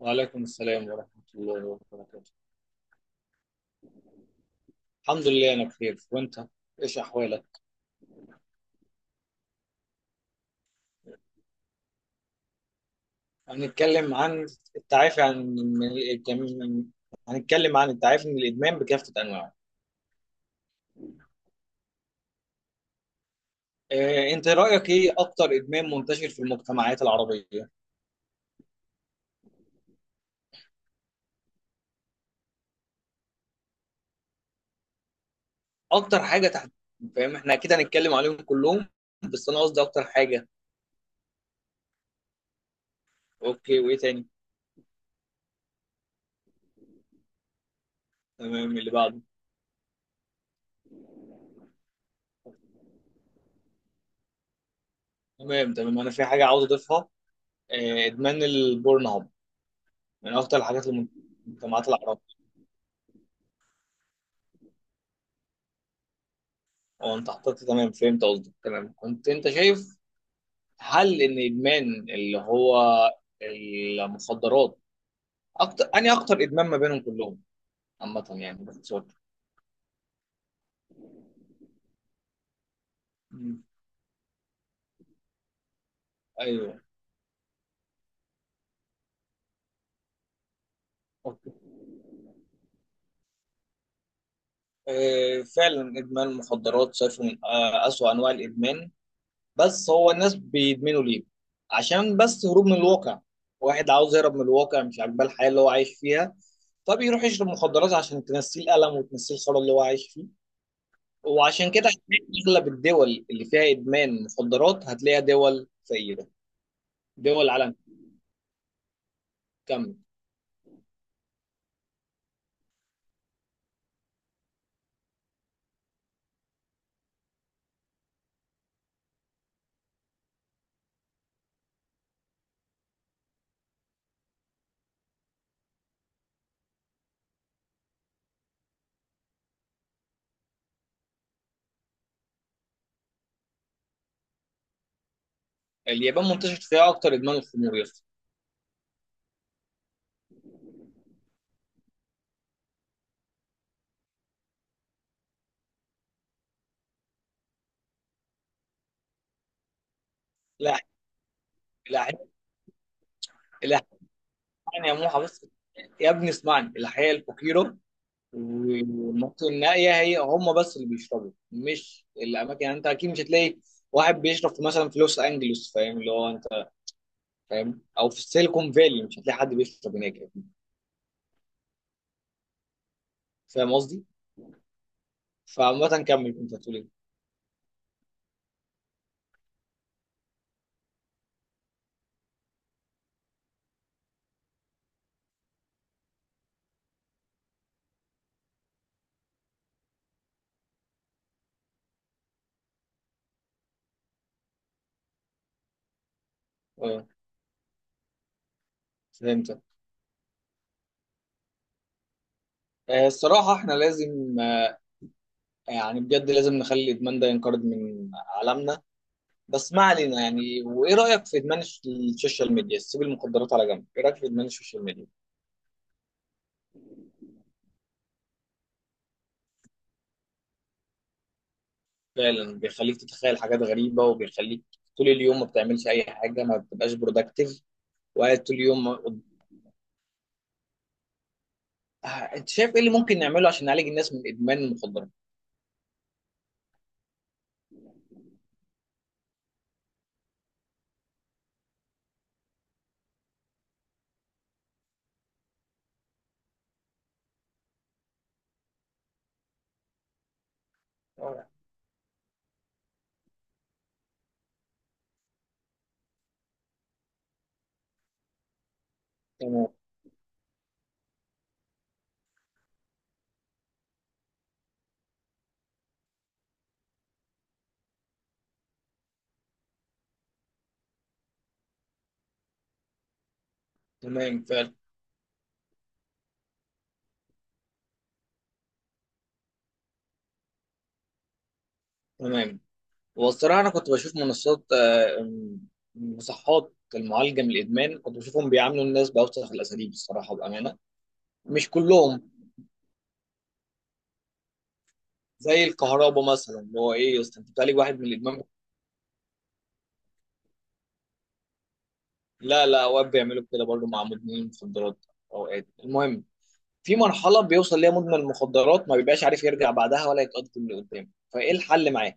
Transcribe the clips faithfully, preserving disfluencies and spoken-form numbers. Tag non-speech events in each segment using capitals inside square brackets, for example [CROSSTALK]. وعليكم السلام ورحمة الله وبركاته. الحمد لله أنا بخير، وأنت، إيش أحوالك؟ هنتكلم عن التعافي عن من الإدمان. هنتكلم عن التعافي من الإدمان بكافة أنواعه. آه، أنت رأيك إيه أكتر إدمان منتشر في المجتمعات العربية؟ أكتر حاجة تحت، فاهم؟ إحنا أكيد هنتكلم عليهم كلهم. بس أنا قصدي أكتر حاجة. أوكي، وإيه تاني؟ تمام، اللي بعده. تمام تمام، أنا في حاجة عاوز أضيفها. آه، إدمان البورن هاب من أكتر الحاجات اللي المجتمعات العربية. هو انت حطيت، تمام فهمت قصدك. تمام كنت انت شايف هل ان ادمان اللي هو المخدرات اكتر اني اكتر ادمان ما بينهم كلهم عامه، يعني باختصار. مم. ايوه. اوكي. آه، فعلا ادمان المخدرات شايفه من آه، اسوأ انواع الادمان. بس هو الناس بيدمنوا ليه؟ عشان بس هروب من الواقع. واحد عاوز يهرب من الواقع، مش عاجباه الحياه اللي هو عايش فيها، فبيروح يشرب مخدرات عشان تنسيه الالم وتنسيه الخرا اللي هو عايش فيه. وعشان كده هتلاقي اغلب الدول اللي فيها ادمان مخدرات هتلاقيها دول فقيره. دول عالم كامل. اليابان منتشر فيها اكتر ادمان الخمور يا اسطى. لا لا لا، يعني يا موحى، بس يا ابني اسمعني، الحياه الفقيره والمناطق النائيه هي هم بس اللي بيشربوا، مش الاماكن. يعني انت اكيد مش هتلاقي واحد بيشرب في مثلا في لوس انجلوس، فاهم؟ اللي هو انت فاهم، او في السيليكون فالي مش هتلاقي حد بيشرب هناك. فاهم قصدي؟ فعامه كمل، كنت هتقول ايه؟ اه، فهمت. آه، الصراحة احنا لازم، آه، يعني بجد لازم نخلي الإدمان ده ينقرض من عالمنا. بس ما علينا. يعني وإيه رأيك في إدمان الش- السوشيال ميديا؟ سيب المخدرات على جنب، إيه رأيك في إدمان السوشيال ميديا؟ فعلا بيخليك تتخيل حاجات غريبة، وبيخليك طول اليوم ما بتعملش أي حاجة، ما بتبقاش برودكتيف، وقاعد طول اليوم قد- آه، أنت شايف إيه اللي ممكن نعمله عشان نعالج الناس من إدمان المخدرات؟ آه، تمام تمام، فعلا تمام. والصراحة أنا كنت بشوف منصات آه، مصحات المعالجة من الإدمان، كنت بشوفهم بيعاملوا الناس بأوسخ الأساليب، الصراحة بأمانة. مش كلهم زي الكهرباء مثلا، اللي هو إيه يا أسطى، أنت بتعالج واحد من الإدمان. لا لا، أوقات بيعملوا كده برضه مع مدمنين المخدرات أوقات. المهم، في مرحلة بيوصل ليها مدمن المخدرات ما بيبقاش عارف يرجع بعدها ولا يتقدم لقدام، فإيه الحل معاه؟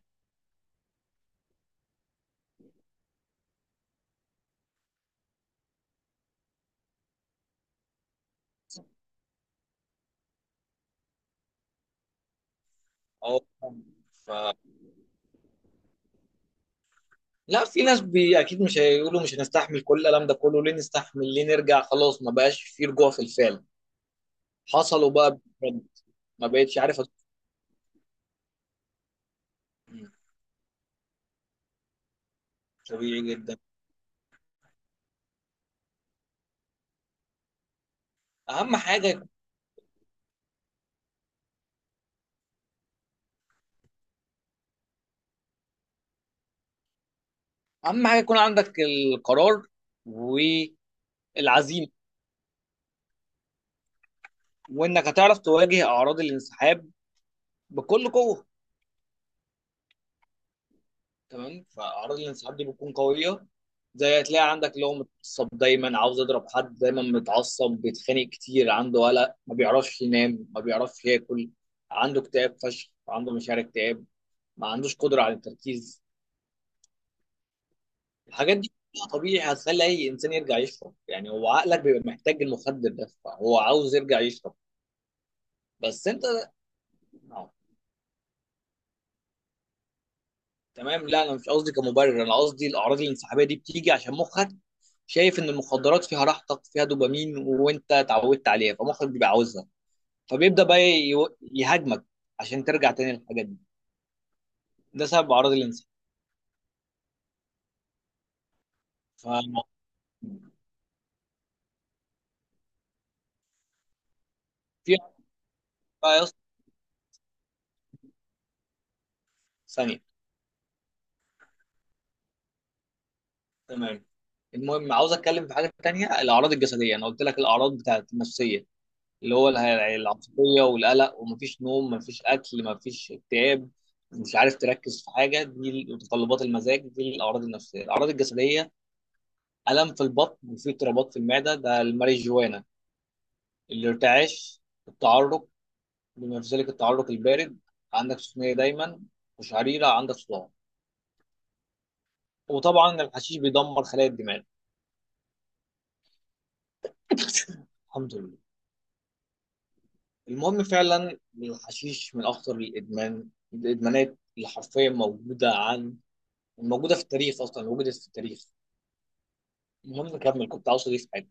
أه. ف... لا، في ناس بي... اكيد مش هيقولوا مش هنستحمل كل الالم ده كله، ليه نستحمل، ليه نرجع، خلاص ما بقاش في رجوع في الفعل حصلوا بقى بجد. ما بقتش عارف أت- مم. طبيعي جدا. اهم حاجه اهم حاجه يكون عندك القرار والعزيمه، وانك هتعرف تواجه اعراض الانسحاب بكل قوه. تمام، فاعراض الانسحاب دي بتكون قويه. زي هتلاقي عندك اللي هو متعصب دايما، عاوز يضرب حد دايما، متعصب، بيتخانق كتير، عنده قلق، ما بيعرفش ينام، ما بيعرفش ياكل، عنده اكتئاب فشخ، عنده مشاعر اكتئاب، ما عندوش قدره على التركيز. الحاجات دي كلها طبيعي هتخلي اي انسان يرجع يشرب، يعني هو عقلك بيبقى محتاج المخدر ده، فهو عاوز يرجع يشرب. بس انت. آه، تمام، لا انا مش قصدي كمبرر، انا قصدي الاعراض الانسحابيه دي بتيجي عشان مخك شايف ان المخدرات فيها راحتك، فيها دوبامين، وانت اتعودت عليها فمخك بيبقى عاوزها، فبيبدا بقى يو- يهاجمك عشان ترجع تاني للحاجات دي. ده سبب اعراض الانسحاب. ففي بقى يا اسطى ثانيه. تمام، المهم عاوز اتكلم في حاجه تانيه، الاعراض الجسديه. انا قلت لك الاعراض بتاعت النفسيه اللي هو اله- العصبية والقلق، ومفيش نوم، مفيش أكل، مفيش اكتئاب، مش عارف تركز في حاجة، دي متطلبات المزاج، دي الأعراض النفسية. الأعراض الجسدية: ألم في البطن، وفي اضطرابات في المعدة، ده الماريجوانا. الارتعاش، التعرق، بما في ذلك التعرق البارد، عندك سخونية دايما وشعريرة، عندك صداع، وطبعا الحشيش بيدمر خلايا الدماغ. [LAUGHS] الحمد لله. المهم، فعلا الحشيش من أخطر الإدمان الإدمانات اللي حرفيا موجودة، موجوده في التاريخ اصلا، وجدت في التاريخ. المهم كمل، كنت عاوز اضيف حاجه.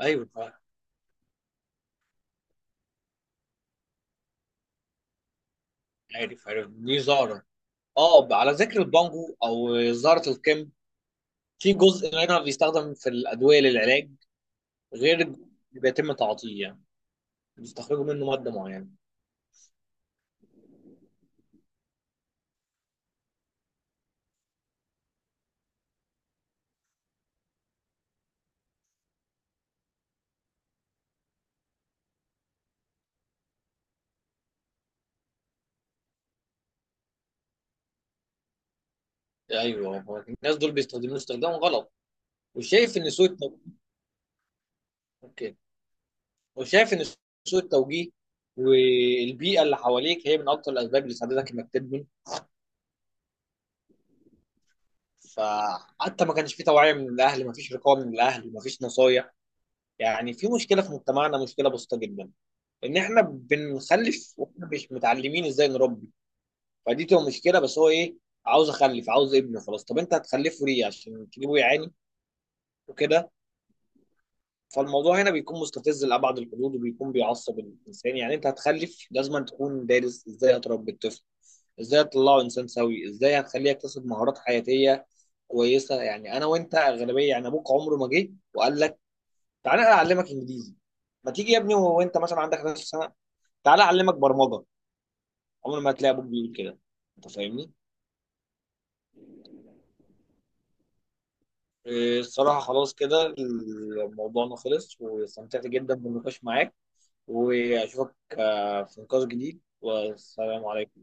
ايوه طبعاً، عارف عارف، دي زهره. اه، على ذكر البانجو او زهره الكم، في جزء منها بيستخدم في الادويه للعلاج، غير بيتم تعاطيه يعني، بيستخرجوا منه ماده معينه. ايوه، هو الناس دول بيستخدموه استخدام غلط، وشايف ان سوء التو- اوكي، وشايف ان سوء التوجيه والبيئه اللي حواليك هي من اكتر الاسباب اللي ساعدتك انك تدمن. فحتى ما كانش في توعيه من الاهل، ما فيش رقابه من الاهل، ما فيش نصايح. يعني في مشكلة في مجتمعنا، مشكلة بسيطة جدا، إن إحنا بنخلف وإحنا مش متعلمين إزاي نربي. فدي تبقى مشكلة، بس هو إيه، عاوز أخلف عاوز ابنه خلاص. طب أنت هتخلفه ليه، عشان تجيبه يعاني وكده؟ فالموضوع هنا بيكون مستفز لأبعد الحدود، وبيكون بيعصب الإنسان. يعني أنت هتخلف لازم تكون دارس إزاي هتربي الطفل، إزاي هتطلعه إنسان سوي، إزاي هتخليه يكتسب مهارات حياتية كويسة. يعني أنا وأنت أغلبية، يعني أبوك عمره ما جه وقال لك تعالى أعلمك إنجليزي، ما تيجي يا ابني وانت مثلا عندك حداشر سنه تعالى اعلمك برمجه. عمر ما هتلاقي ابوك بيقول كده. انت فاهمني؟ إيه، الصراحه خلاص كده الموضوع، أنا خلص واستمتعت جدا بالنقاش معاك، واشوفك آه، في نقاش جديد. والسلام عليكم.